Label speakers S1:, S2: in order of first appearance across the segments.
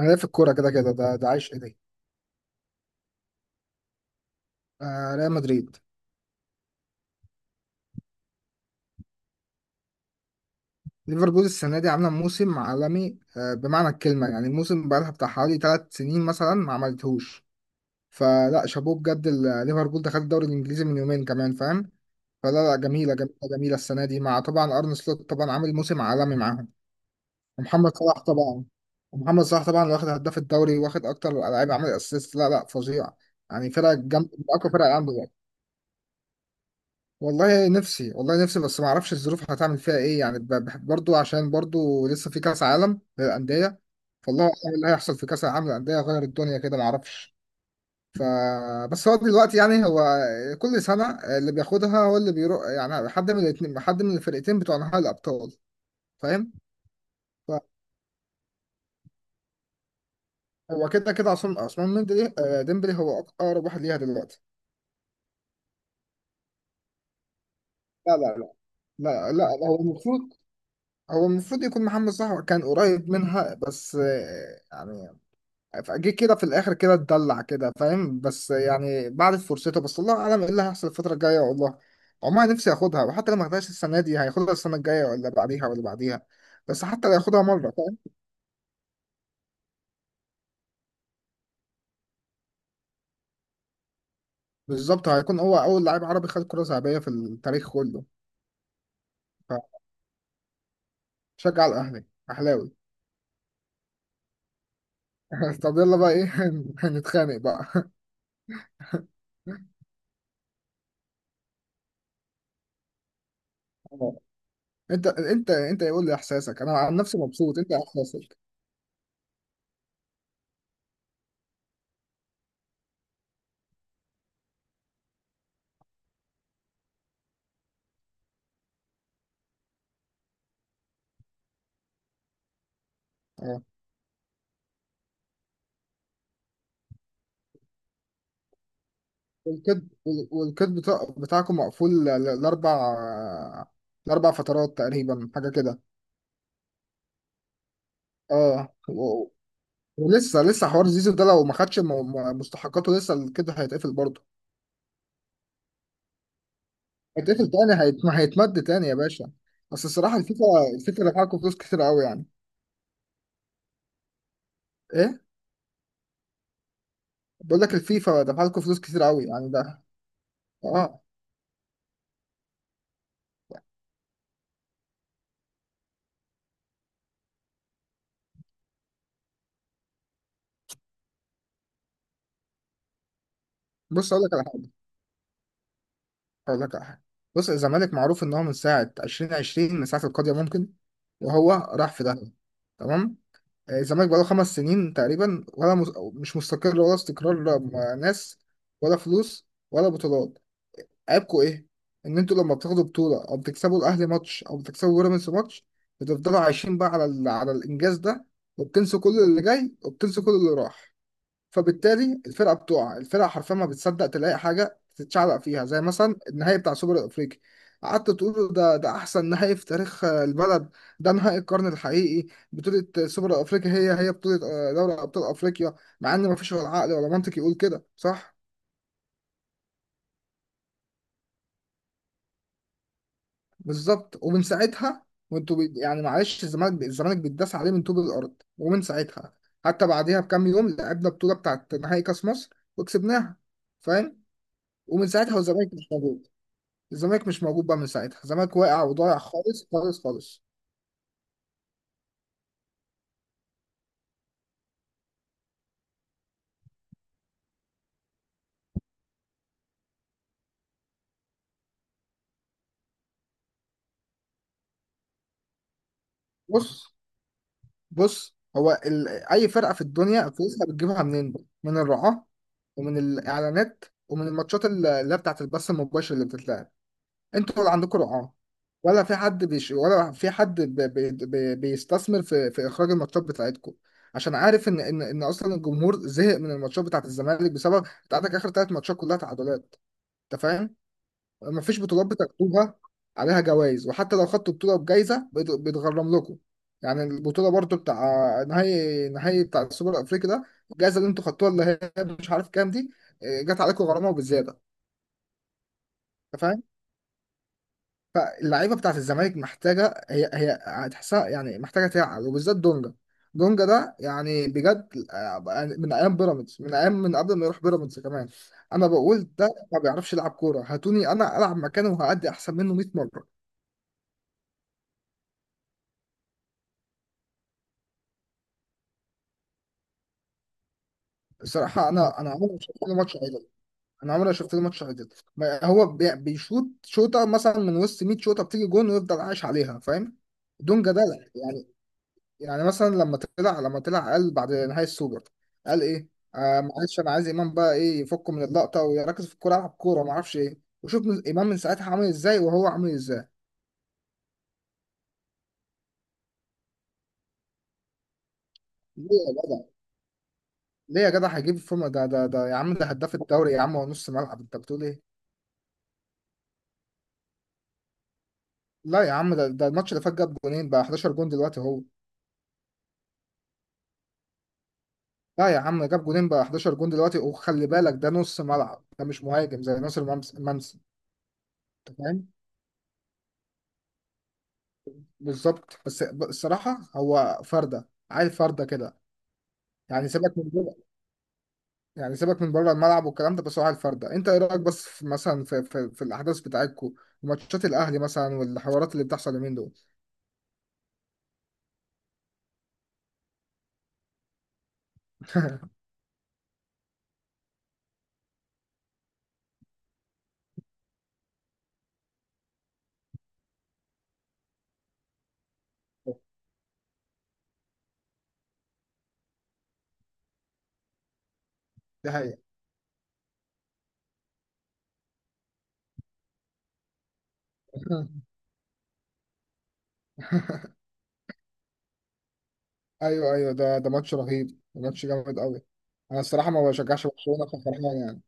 S1: انا ليا في الكوره كده كده ده عايش ايدي. آه، ريال مدريد. ليفربول السنه دي عامله موسم عالمي، بمعنى الكلمه، يعني موسم بقالها بتاع حوالي 3 سنين مثلا ما عملتهوش. فلا، شابوه بجد. ليفربول ده خد الدوري الانجليزي من يومين كمان، فاهم؟ فلا لا، جميله جميله جميله السنه دي، مع طبعا ارن سلوت، طبعا عامل موسم عالمي معاهم. ومحمد صلاح طبعا. ومحمد صلاح طبعا واخد هداف الدوري، واخد اكتر لعيب عامل اسيست. لا لا، فظيع يعني. فرقه جامده، من اقوى فرقه عنده. والله نفسي، والله نفسي، بس ما اعرفش الظروف هتعمل فيها ايه، يعني برضو، عشان برضو لسه في كاس عالم للانديه. فالله اعلم إيه اللي هيحصل في كاس العالم للانديه، غير الدنيا كده ما اعرفش. ف بس هو دلوقتي يعني، هو كل سنه اللي بياخدها هو اللي بيروح، يعني حد من الاتنين، حد من الفرقتين بتوع نهائي الابطال، فاهم؟ فهو كده كده عصام عثمان ديمبلي، ديمبلي هو اقرب واحد ليها دلوقتي. لا لا لا. لا لا، هو المفروض يكون محمد صلاح كان قريب منها، بس يعني فجه كده في الاخر كده، اتدلع كده فاهم، بس يعني بعد فرصته، بس الله اعلم ايه اللي هيحصل الفتره الجايه. والله عمري نفسي اخدها، وحتى لو ما اخدهاش السنه دي هياخدها السنه الجايه ولا بعديها ولا بعديها، بس حتى لو ياخدها مره، فاهم؟ بالظبط، هيكون هو اول لاعب عربي خد كره ذهبيه في التاريخ كله. فشجع الاهلي، اهلاوي. طب يلا بقى ايه، هنتخانق بقى. اه. انت يقول لي احساسك، انا عن نفسي مبسوط، انت إيه احساسك؟ اه. والكيد، والكيد بتاعكم مقفول لأربع. لأربع فترات تقريبا، حاجة كده. اه، ولسه حوار زيزو ده لو ما خدش مستحقاته، لسه الكيد هيتقفل برضه. هيتقفل تاني، ما هيتمد تاني يا باشا. بس الصراحة، الفيفا دفع لكم فلوس كتير قوي يعني. ايه؟ بقول لك الفيفا دفع لكم فلوس كتير قوي يعني، ده اه. بص، اقول لك على حاجة. هقول لك على حاجه. بص، الزمالك معروف ان هو من ساعه 2020، من ساعه القضيه ممكن، وهو راح في داهيه. تمام. آه، الزمالك بقاله 5 سنين تقريبا، ولا مش مستقر، ولا استقرار، لا م- ناس ولا فلوس ولا بطولات. عيبكوا ايه؟ ان انتوا لما بتاخدوا بطوله، او بتكسبوا الاهلي ماتش او بتكسبوا بيراميدز ماتش، بتفضلوا عايشين بقى على الانجاز ده، وبتنسوا كل اللي جاي وبتنسوا كل اللي راح. فبالتالي الفرقه بتقع، الفرقه حرفيا ما بتصدق تلاقي حاجه تتشعلق فيها، زي مثلا النهائي بتاع سوبر الافريقي. قعدت تقول ده، ده احسن نهائي في تاريخ البلد، ده نهائي القرن الحقيقي، بطوله سوبر الافريقي، هي بطوله دوري ابطال افريقيا، مع ان ما فيش ولا عقل ولا منطق يقول كده صح. بالظبط، ومن ساعتها وانتوا يعني معلش، الزمالك بيتداس عليه من طوب الارض، ومن ساعتها حتى بعديها بكام يوم لعبنا بطوله بتاعت نهائي كاس مصر وكسبناها، فاهم. ومن ساعتها والزمالك مش موجود. الزمالك مش موجود بقى من ساعتها، الزمالك واقع وضايع خالص خالص خالص. بص بص، هو اي فرقه في الدنيا فلوسها بتجيبها منين بقى؟ من الرعاه، ومن الاعلانات، ومن الماتشات اللي هي بتاعت البث المباشر اللي بتتلعب. انتوا اللي عندكم رعاه؟ ولا في حد بيستثمر في في اخراج الماتشات بتاعتكم؟ عشان عارف ان اصلا الجمهور زهق من الماتشات بتاعت الزمالك، بسبب بتاعتك اخر 3 ماتشات كلها تعادلات، انت فاهم؟ ما فيش بطولات بتاخدوها عليها جوائز، وحتى لو خدتوا بطولة بجايزة بيتغرم لكم. يعني البطولة برضو بتاع نهائي. نهائي بتاع السوبر الأفريقي ده، الجائزة اللي انتوا خدتوها اللي هي مش عارف كام دي، إيه، جت عليكم غرامة وبزيادة. انت فاهم؟ فاللعيبة بتاعت الزمالك محتاجة، هي هتحسها، يعني محتاجة تعقل، وبالذات دونجا. دونجا ده يعني بجد، يعني من أيام بيراميدز، من أيام من قبل ما يروح بيراميدز كمان. أنا بقول ده ما بيعرفش يلعب كورة، هاتوني أنا ألعب مكانه وهأدي أحسن منه 100 مرة. صراحة، أنا عمري ما شفت له ماتش عدل. أنا عمري ما شفت له ماتش عدل. ما هو بيشوط شوطة مثلا من وسط 100 شوطة بتيجي جون، ويفضل عايش عليها فاهم. دون جدال يعني. يعني مثلا لما طلع، لما طلع قال بعد نهاية السوبر، قال إيه؟ آه معلش، أنا عايز إمام بقى إيه، يفكه من اللقطة ويركز في الكورة، يلعب كورة ما أعرفش إيه. وشوف إمام من ساعتها عامل إزاي، وهو عامل إزاي. ليه يا جدع، ليه يا جدع هيجيب الفورمة؟ ده يا عم، ده هداف الدوري يا عم، هو نص ملعب، أنت بتقول إيه؟ لا يا عم، ده, ده الماتش اللي فات جاب جونين بقى، 11 جون دلوقتي هو. لا يا عم جاب جونين بقى، 11 جون دلوقتي، وخلي بالك ده نص ملعب، ده مش مهاجم زي ناصر منسي. انت فاهم؟ بالظبط، بس الصراحه هو فرده عيل، فرده كده. يعني سيبك من بره، يعني سيبك من بره الملعب والكلام ده، بس هو عيل فرده. انت ايه رايك بس في مثلا، في, الاحداث بتاعتكم، وماتشات الاهلي مثلا، والحوارات اللي بتحصل اليومين دول. دي حقيقه. ايوه ايوه، ده ماتش رهيب، ماتش جامد قوي. انا الصراحه ما بشجعش برشلونه، ففرحان يعني.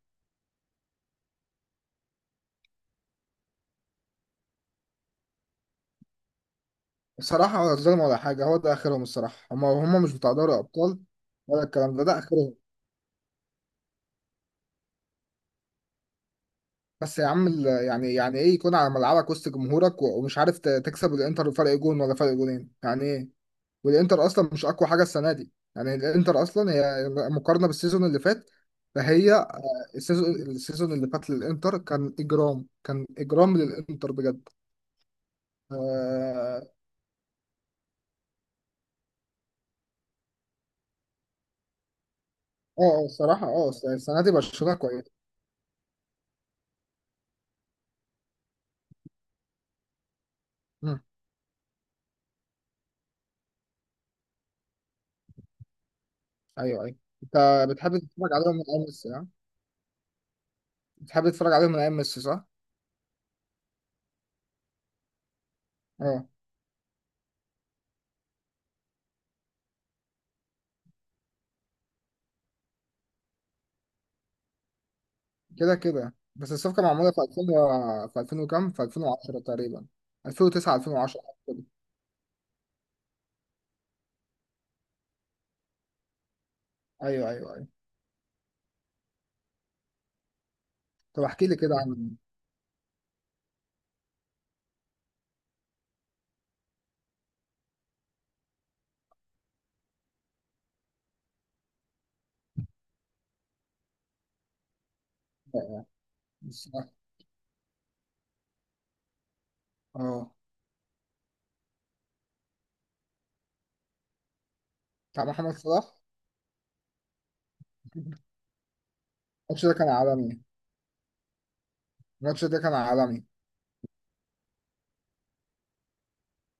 S1: بصراحة ظلم ولا حاجة، هو ده آخرهم الصراحة، هما هما مش بتاع دوري أبطال ولا الكلام ده، ده آخرهم. بس يا عم يعني، يعني إيه يكون على ملعبك وسط جمهورك ومش عارف تكسب الإنتر فرق جون ولا فرق جونين، يعني إيه؟ والإنتر أصلا مش أقوى حاجة السنة دي، يعني الإنتر أصلا هي مقارنة بالسيزون اللي فات، فهي السيزون اللي فات للإنتر كان إجرام، كان إجرام للإنتر بجد. آه الصراحة آه. السنة دي برشلونة كويس. مم. أيوه أيوه. أنت بتحب تتفرج عليهم من أول السنة؟ بتحب تتفرج عليهم من ايام ميسي صح؟ اه كده كده، بس الصفقه معموله في 2000 في 2000 وكام؟ في 2010 تقريبا. 2009، 2010 كده. ايوه ايوه ايوه. طب احكي لي كده عن الصراحه. اه، بتاع محمد صلاح. الماتش ده كان عالمي. الماتش ده كان عالمي.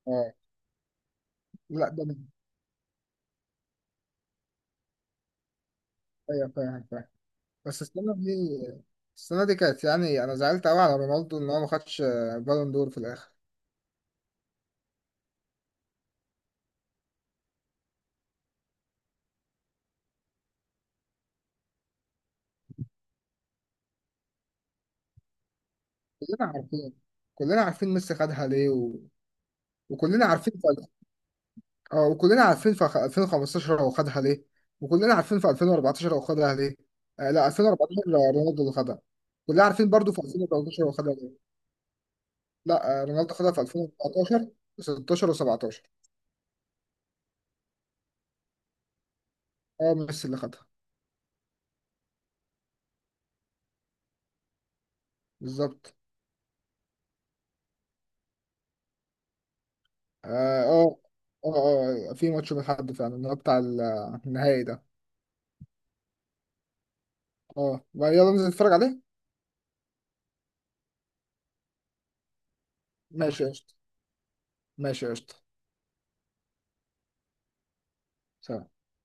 S1: اه. لا ايوه، فاهم فاهم. بس السنه دي، السنه دي كانت، يعني انا زعلت قوي على رونالدو ان هو ما خدش بالون دور في الاخر. كلنا عارفين. كلنا عارفين ميسي خدها ليه، وكلنا عارفين. اه، وكلنا عارفين في 2015 هو خدها ليه، وكلنا عارفين في 2014 هو خدها ليه. آه لا، 2014 رونالدو اللي خدها. كلنا عارفين برضو في 2013 هو خدها ليه. لا آه، رونالدو خدها في 2014 و16 و17. اه، ميسي اللي خدها. بالظبط. اه اه اه. في ماتش من حد فعلا اللي هو بتاع النهائي ده. اه يلا ننزل نتفرج عليه. ماشي يا قشطة. ماشي يا قشطة، سلام.